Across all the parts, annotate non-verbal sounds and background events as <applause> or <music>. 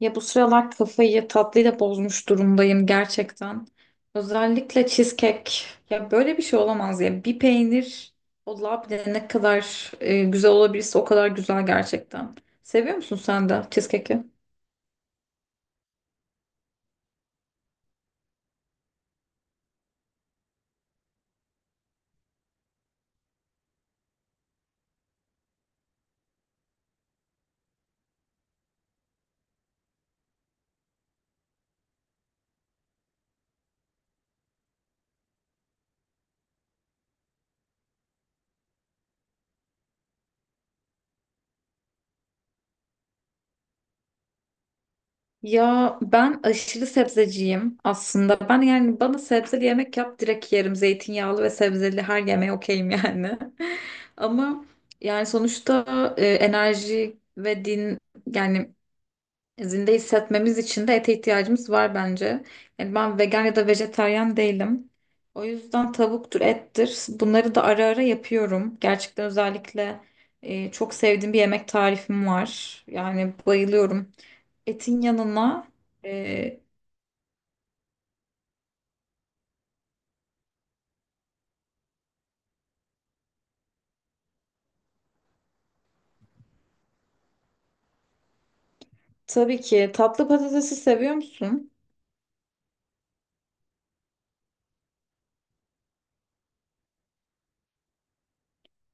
Ya bu sıralar kafayı tatlıyla bozmuş durumdayım gerçekten. Özellikle cheesecake. Ya böyle bir şey olamaz ya. Bir peynir o labne ne kadar güzel olabilirse o kadar güzel gerçekten. Seviyor musun sen de cheesecake'i? Ya ben aşırı sebzeciyim aslında. Ben yani bana sebzeli yemek yap direkt yerim. Zeytinyağlı ve sebzeli her yemeğe okeyim yani. <laughs> Ama yani sonuçta e, enerji ve din yani zinde hissetmemiz için de ete ihtiyacımız var bence. Yani ben vegan ya da vejetaryen değilim. O yüzden tavuktur, ettir. Bunları da ara ara yapıyorum. Gerçekten özellikle çok sevdiğim bir yemek tarifim var. Yani bayılıyorum. Etin yanına e, tabii ki tatlı patatesi seviyor musun?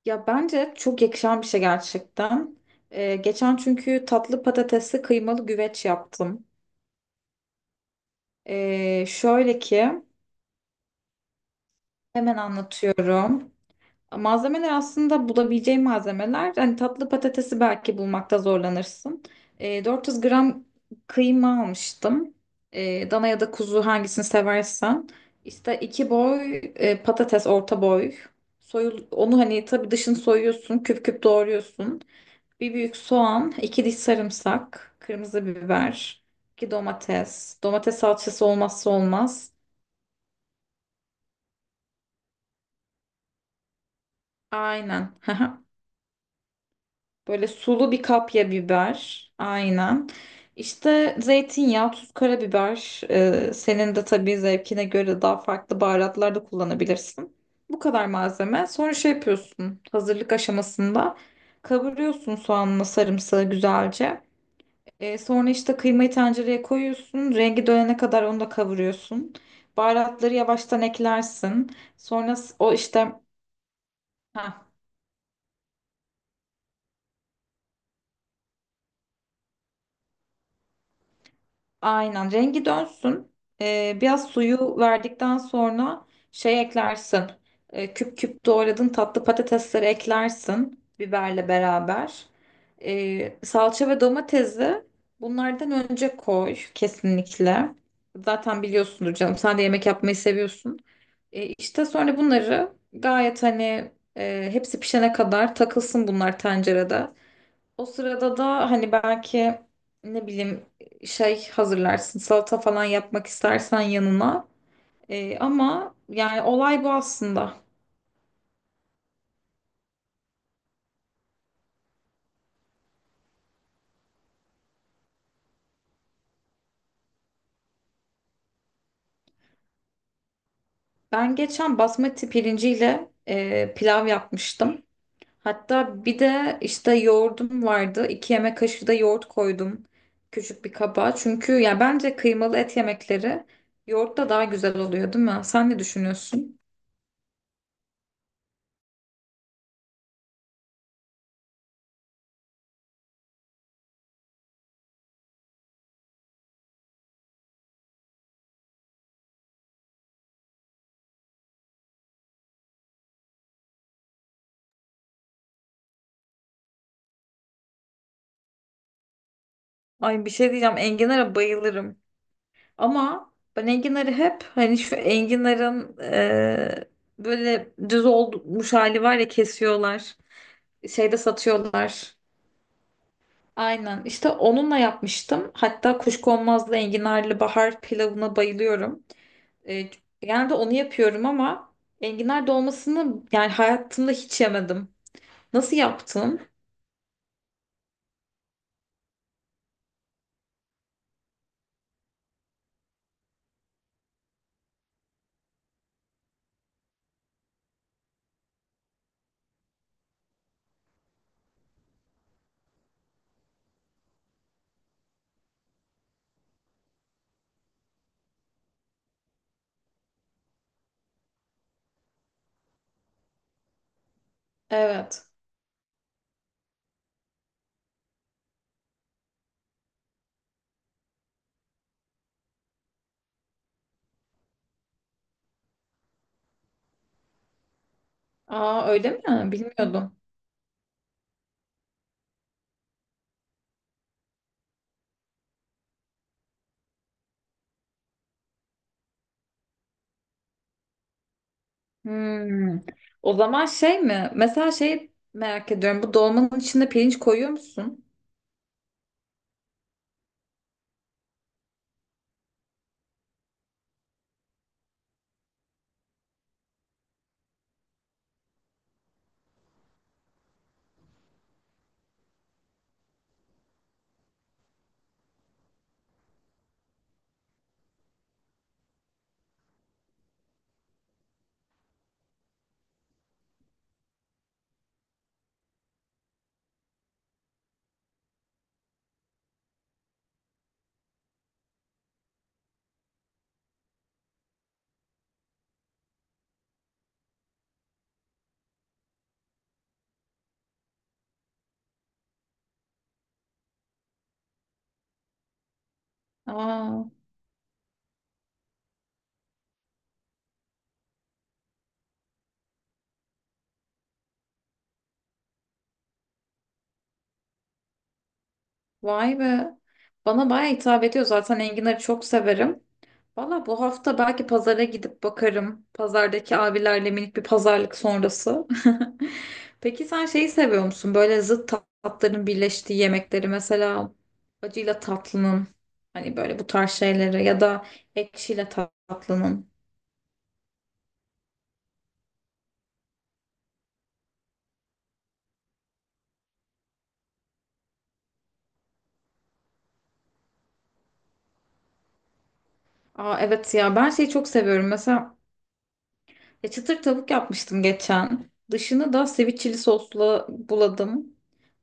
Ya bence çok yakışan bir şey gerçekten. Geçen çünkü tatlı patatesli kıymalı güveç yaptım. Şöyle ki hemen anlatıyorum. Malzemeler aslında bulabileceğin malzemeler. Hani tatlı patatesi belki bulmakta zorlanırsın. 400 gram kıyma almıştım. Dana ya da kuzu hangisini seversen. İşte iki boy patates orta boy. Soyul, onu hani tabii dışını soyuyorsun, küp küp doğruyorsun. Bir büyük soğan, iki diş sarımsak, kırmızı biber, iki domates. Domates salçası olmazsa olmaz. Aynen. <laughs> Böyle sulu bir kapya biber. Aynen. İşte zeytinyağı, tuz, karabiber. Senin de tabii zevkine göre daha farklı baharatlar da kullanabilirsin. Bu kadar malzeme. Sonra şey yapıyorsun. Hazırlık aşamasında kavuruyorsun soğanla sarımsağı güzelce. Sonra işte kıymayı tencereye koyuyorsun. Rengi dönene kadar onu da kavuruyorsun. Baharatları yavaştan eklersin. Sonra o işte heh. Aynen rengi dönsün. Biraz suyu verdikten sonra şey eklersin. Küp küp doğradığın tatlı patatesleri eklersin biberle beraber. Salça ve domatesi bunlardan önce koy kesinlikle. Zaten biliyorsundur canım sen de yemek yapmayı seviyorsun. İşte sonra bunları gayet hani hepsi pişene kadar takılsın bunlar tencerede. O sırada da hani belki ne bileyim şey hazırlarsın salata falan yapmak istersen yanına. Ama yani olay bu aslında. Ben geçen basmati pirinciyle pilav yapmıştım. Hatta bir de işte yoğurdum vardı. İki yemek kaşığı da yoğurt koydum küçük bir kaba. Çünkü ya bence kıymalı et yemekleri yoğurtla daha güzel oluyor, değil mi? Sen ne düşünüyorsun? Ay bir şey diyeceğim. Enginar'a bayılırım. Ama ben enginarı hep hani şu enginarın böyle düz olmuş hali var ya kesiyorlar. Şeyde satıyorlar. Aynen. işte onunla yapmıştım. Hatta kuşkonmazlı enginarlı bahar pilavına bayılıyorum. E, Genelde onu yapıyorum ama enginar dolmasını yani hayatımda hiç yemedim. Nasıl yaptın? Evet. Aa öyle mi? Bilmiyordum. Hmm. O zaman şey mi? Mesela şey merak ediyorum. Bu dolmanın içinde pirinç koyuyor musun? Aa, vay be. Bana bayağı hitap ediyor. Zaten enginarı çok severim. Valla bu hafta belki pazara gidip bakarım. Pazardaki abilerle minik bir pazarlık sonrası. <laughs> Peki sen şeyi seviyor musun? Böyle zıt tatların birleştiği yemekleri. Mesela acıyla tatlının. Hani böyle bu tarz şeyleri. Ya da ekşiyle tatlının. Aa, evet ya ben şeyi çok seviyorum. Mesela ya çıtır tavuk yapmıştım geçen. Dışını da sweet sosla buladım.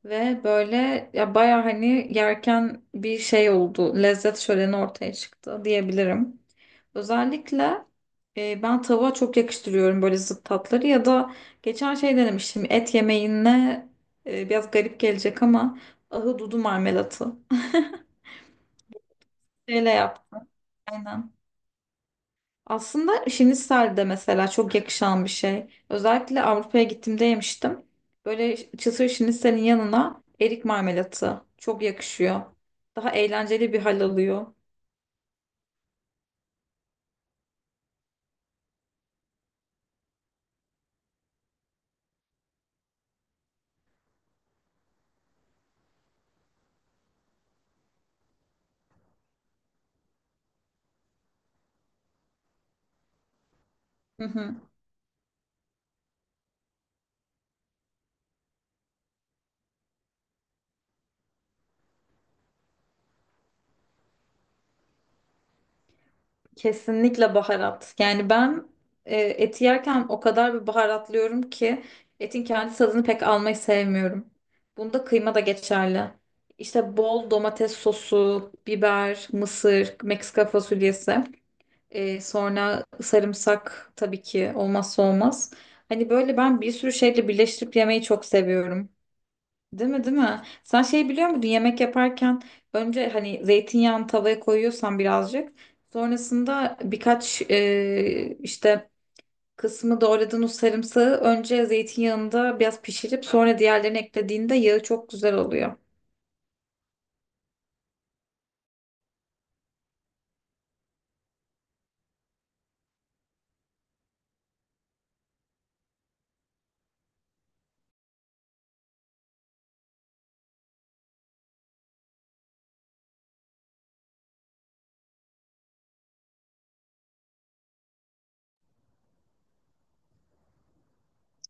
Ve böyle ya baya hani yerken bir şey oldu. Lezzet şöleni ortaya çıktı diyebilirim. Özellikle ben tavuğa çok yakıştırıyorum böyle zıt tatları ya da geçen şey denemiştim. Et yemeğine biraz garip gelecek ama ahududu marmelatı. <laughs> Şeyle yaptım aynen. Aslında şinisel de mesela çok yakışan bir şey. Özellikle Avrupa'ya gittiğimde yemiştim. Böyle çıtır şiniselin yanına erik marmelatı çok yakışıyor. Daha eğlenceli bir hal alıyor. Hı hı. Kesinlikle baharat. Yani ben eti yerken o kadar bir baharatlıyorum ki etin kendi tadını pek almayı sevmiyorum. Bunda kıyma da geçerli. İşte bol domates sosu, biber, mısır, Meksika fasulyesi. Sonra sarımsak tabii ki olmazsa olmaz. Hani böyle ben bir sürü şeyle birleştirip yemeyi çok seviyorum. Değil mi, değil mi? Sen şey biliyor muydun? Yemek yaparken önce hani zeytinyağını tavaya koyuyorsan birazcık. Sonrasında birkaç işte kısmı doğradığın o sarımsağı önce zeytinyağında biraz pişirip sonra diğerlerini eklediğinde yağı çok güzel oluyor.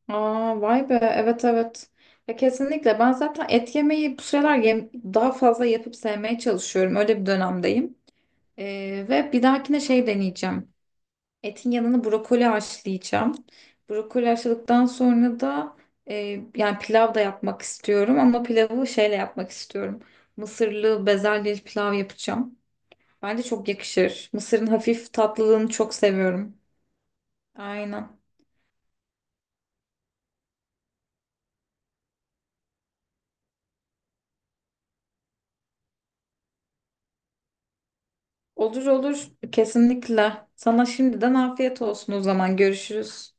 Aa, vay be, evet, evet. Ya kesinlikle ben zaten et yemeyi bu sıralar daha fazla yapıp sevmeye çalışıyorum. Öyle bir dönemdeyim. Ve bir dahakine şey deneyeceğim. Etin yanına brokoli haşlayacağım. Brokoli haşladıktan sonra da yani pilav da yapmak istiyorum ama pilavı şeyle yapmak istiyorum. Mısırlı bezelyeli pilav yapacağım. Bence çok yakışır. Mısırın hafif tatlılığını çok seviyorum. Aynen. Olur, olur, kesinlikle. Sana şimdiden afiyet olsun, o zaman görüşürüz.